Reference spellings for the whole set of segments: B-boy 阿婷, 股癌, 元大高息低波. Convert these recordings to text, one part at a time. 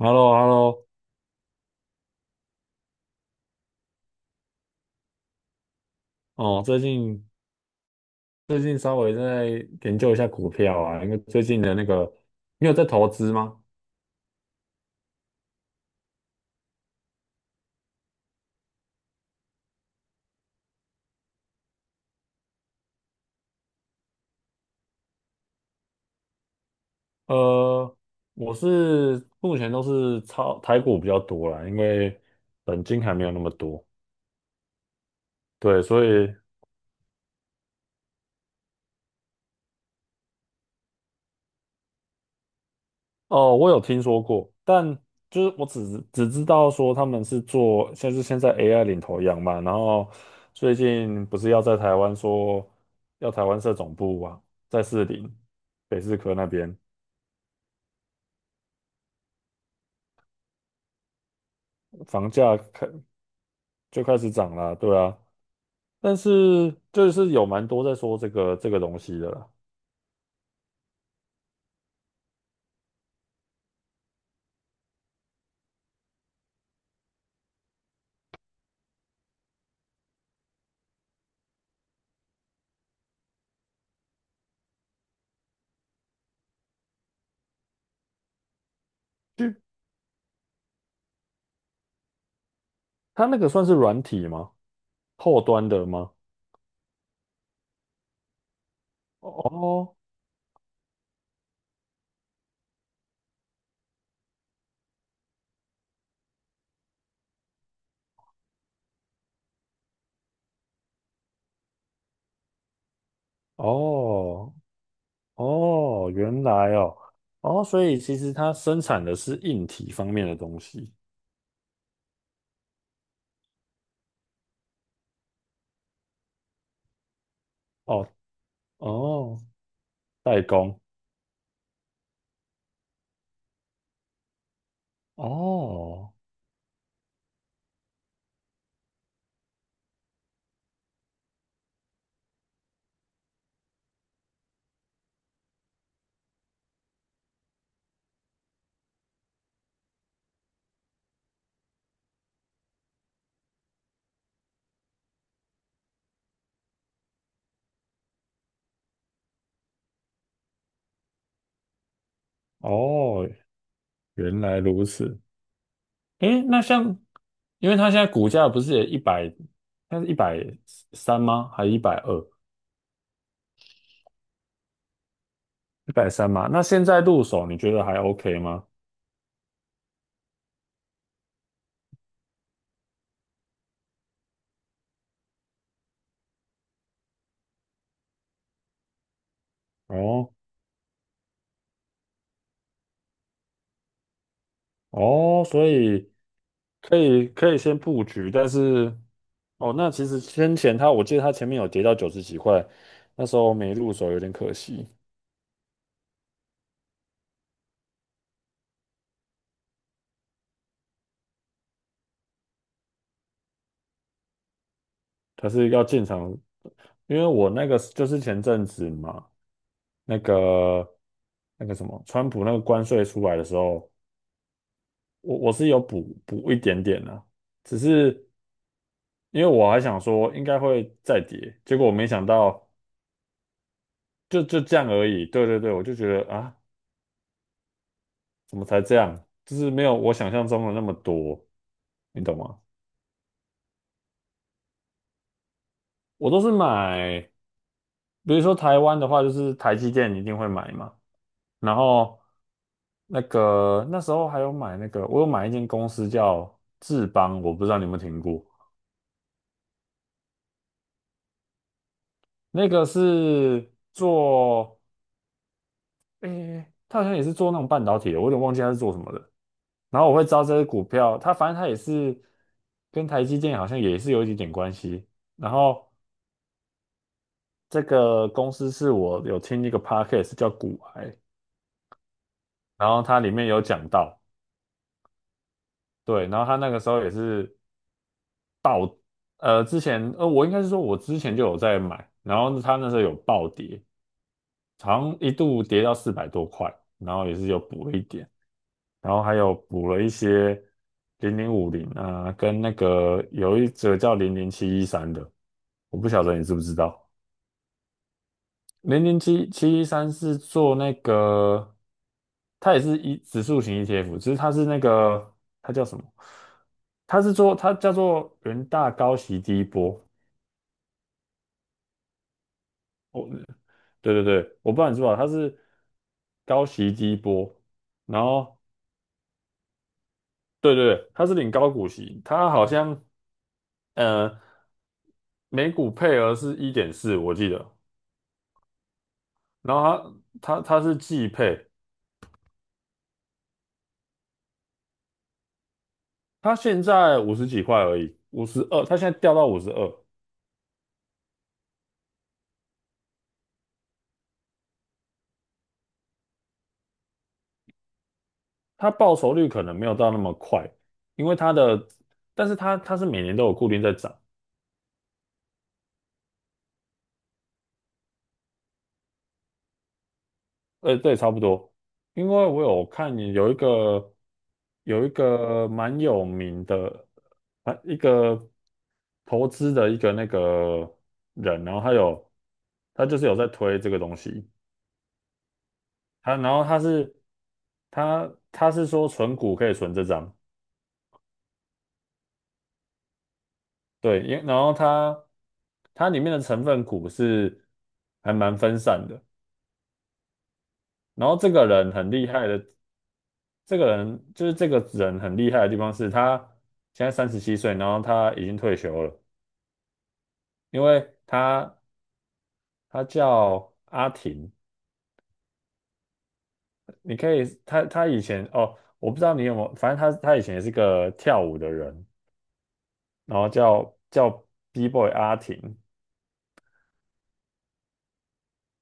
h e l l o h e l l o 哦，最近稍微在研究一下股票啊，因为最近的那个，你有在投资吗？呃，我是目前都是炒台股比较多啦，因为本金还没有那么多，对，所以哦，我有听说过，但就是我只知道说他们是做，像是现在 AI 领头羊嘛，然后最近不是要在台湾说要台湾设总部啊，在士林北士科那边。房价就开始涨啦，对啊，但是就是有蛮多在说这个东西的啦。就它那个算是软体吗？后端的吗？哦哦哦，原来哦哦，所以其实它生产的是硬体方面的东西。哦哦，代工。哦哦，原来如此。诶，那像，因为它现在股价不是也一百，它是一百三吗？还是120？一百三嘛，那现在入手你觉得还 OK 吗？哦哦，所以可以先布局，但是哦，那其实先前他，我记得他前面有跌到九十几块，那时候没入手有点可惜。可是要进场，因为我那个就是前阵子嘛，那个那个什么，川普那个关税出来的时候，我是有补一点点啦、只是因为我还想说应该会再跌，结果我没想到就这样而已。对对对，我就觉得啊，怎么才这样？就是没有我想象中的那么多，你懂吗？我都是买，比如说台湾的话，就是台积电一定会买嘛。然后那时候还有买那个，我有买一间公司叫智邦，我不知道你有没有听过。那个是做，诶、他好像也是做那种半导体的，我有点忘记他是做什么的。然后我会知道这只股票，它反正它也是跟台积电好像也是有一点点关系。然后这个公司是我有听一个 podcast 叫股癌，然后它里面有讲到，对，然后他那个时候也是，之前，我应该是说我之前就有在买，然后他那时候有暴跌，好像一度跌到四百多块，然后也是有补一点。然后还有补了一些零零五零啊，跟那个有一则叫零零七一三的，我不晓得你知不知道。零零七七一三是做那个，它也是一指数型 ETF，只是它是那个它叫什么？它是做它叫做元大高息低波。哦，对对对，我不知道你知不知道，它是高息低波，然后对对对，它是领高股息，它好像。呃。每股配额是一点四，我记得。然后它是季配，它现在五十几块而已，五十二，它现在掉到五十二，它报酬率可能没有到那么快，因为它的，但是它是每年都有固定在涨，对，差不多。因为我有看有一个蛮有名的啊一个投资的一个那个人，然后他就是有在推这个东西。他然后他是他他是说存股可以存这张，对，然后他他里面的成分股是还蛮分散的。然后这个人很厉害的，这个人就是这个人很厉害的地方是他现在37岁，然后他已经退休了，因为他叫阿婷，你可以他他以前哦，我不知道你有没有，反正他以前也是个跳舞的人，然后叫 B-boy 阿婷，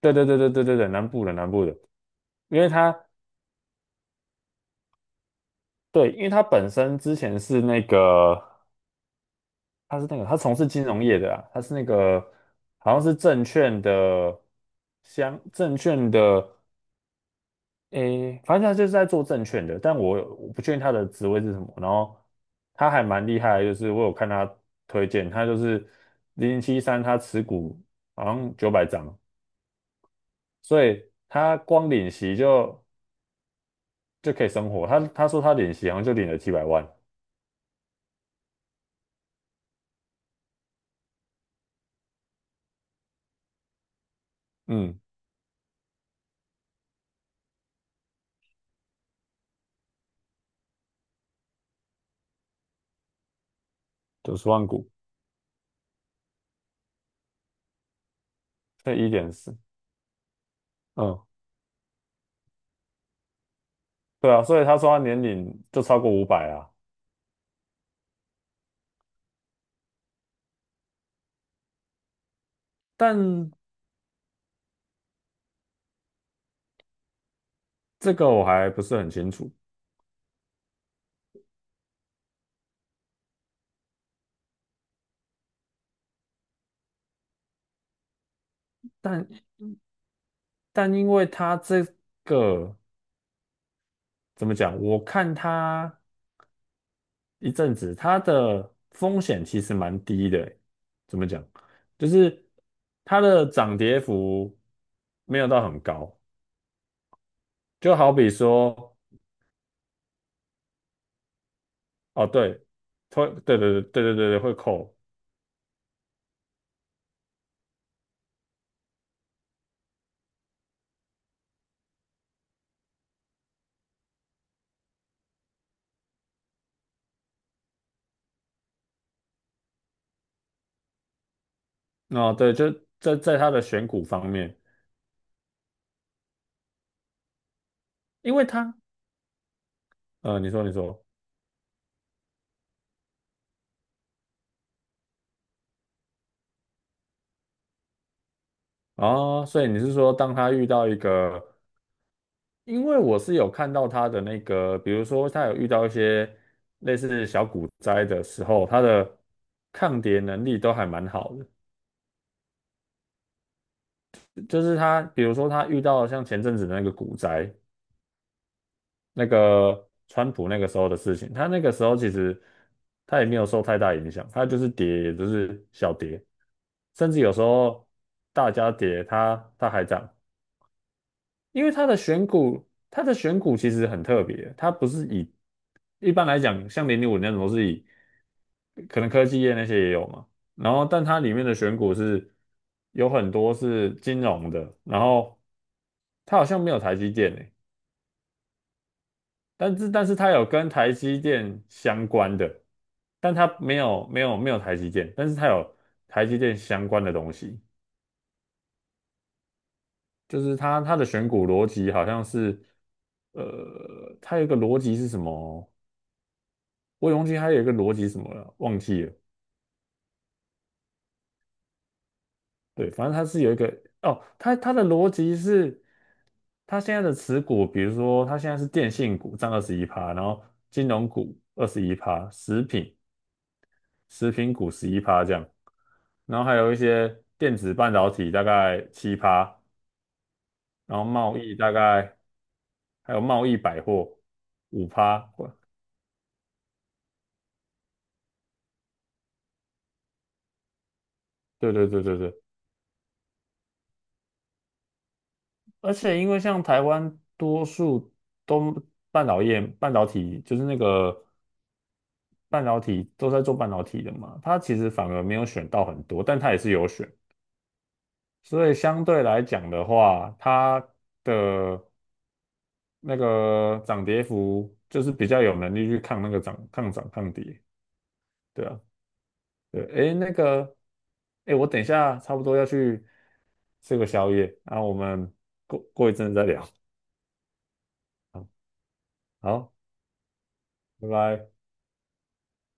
对对对对对对对，南部的南部的，因为他对，因为他本身之前是那个，他是那个，他从事金融业的啊，他是那个好像是证券的证券的，诶，反正他就是在做证券的，但我不确定他的职位是什么，然后他还蛮厉害的就是我有看他推荐，他就是零零七三，他持股好像900张。所以他光领息就可以生活。他说他领息好像就领了几百万，嗯，90万股，现在一点四，嗯，对啊，所以他说他年龄就超过五百啊，但这个我还不是很清楚，但但因为他这个怎么讲，我看他一阵子，他的风险其实蛮低的欸怎么讲，就是它的涨跌幅没有到很高，就好比说，哦，对，会，对对对对对对对，会扣。哦，对，就在它的选股方面，因为他，你说，哦，所以你是说，当他遇到一个，因为我是有看到他的那个，比如说他有遇到一些类似小股灾的时候，他的抗跌能力都还蛮好的。就是他，比如说他遇到像前阵子的那个股灾，那个川普那个时候的事情，他那个时候其实他也没有受太大影响，他就是跌，也就是小跌，甚至有时候大家跌，他还涨。因为它的选股，它的选股其实很特别，它不是以一般来讲，像零零五那种都是以可能科技业那些也有嘛，然后但它里面的选股是有很多是金融的，然后它好像没有台积电诶，但是它有跟台积电相关的，但它没有台积电，但是它有台积电相关的东西。就是它的选股逻辑好像是，它有一个逻辑是什么？我也忘记它有一个逻辑是什么了，忘记了。对，反正它是有一个哦，它的逻辑是，它现在的持股，比如说它现在是电信股占二十一趴，然后金融股二十一趴，食品股十一趴这样，然后还有一些电子半导体大概7%，然后贸易大概还有贸易百货5%，对对对对对。而且因为像台湾多数都半导体，就是那个半导体都在做半导体的嘛，它其实反而没有选到很多，但它也是有选，所以相对来讲的话，它的那个涨跌幅就是比较有能力去抗那个涨、抗跌，对啊，对，诶，那个，诶，我等一下差不多要去吃个宵夜，那我们过一阵再聊，好，好拜拜。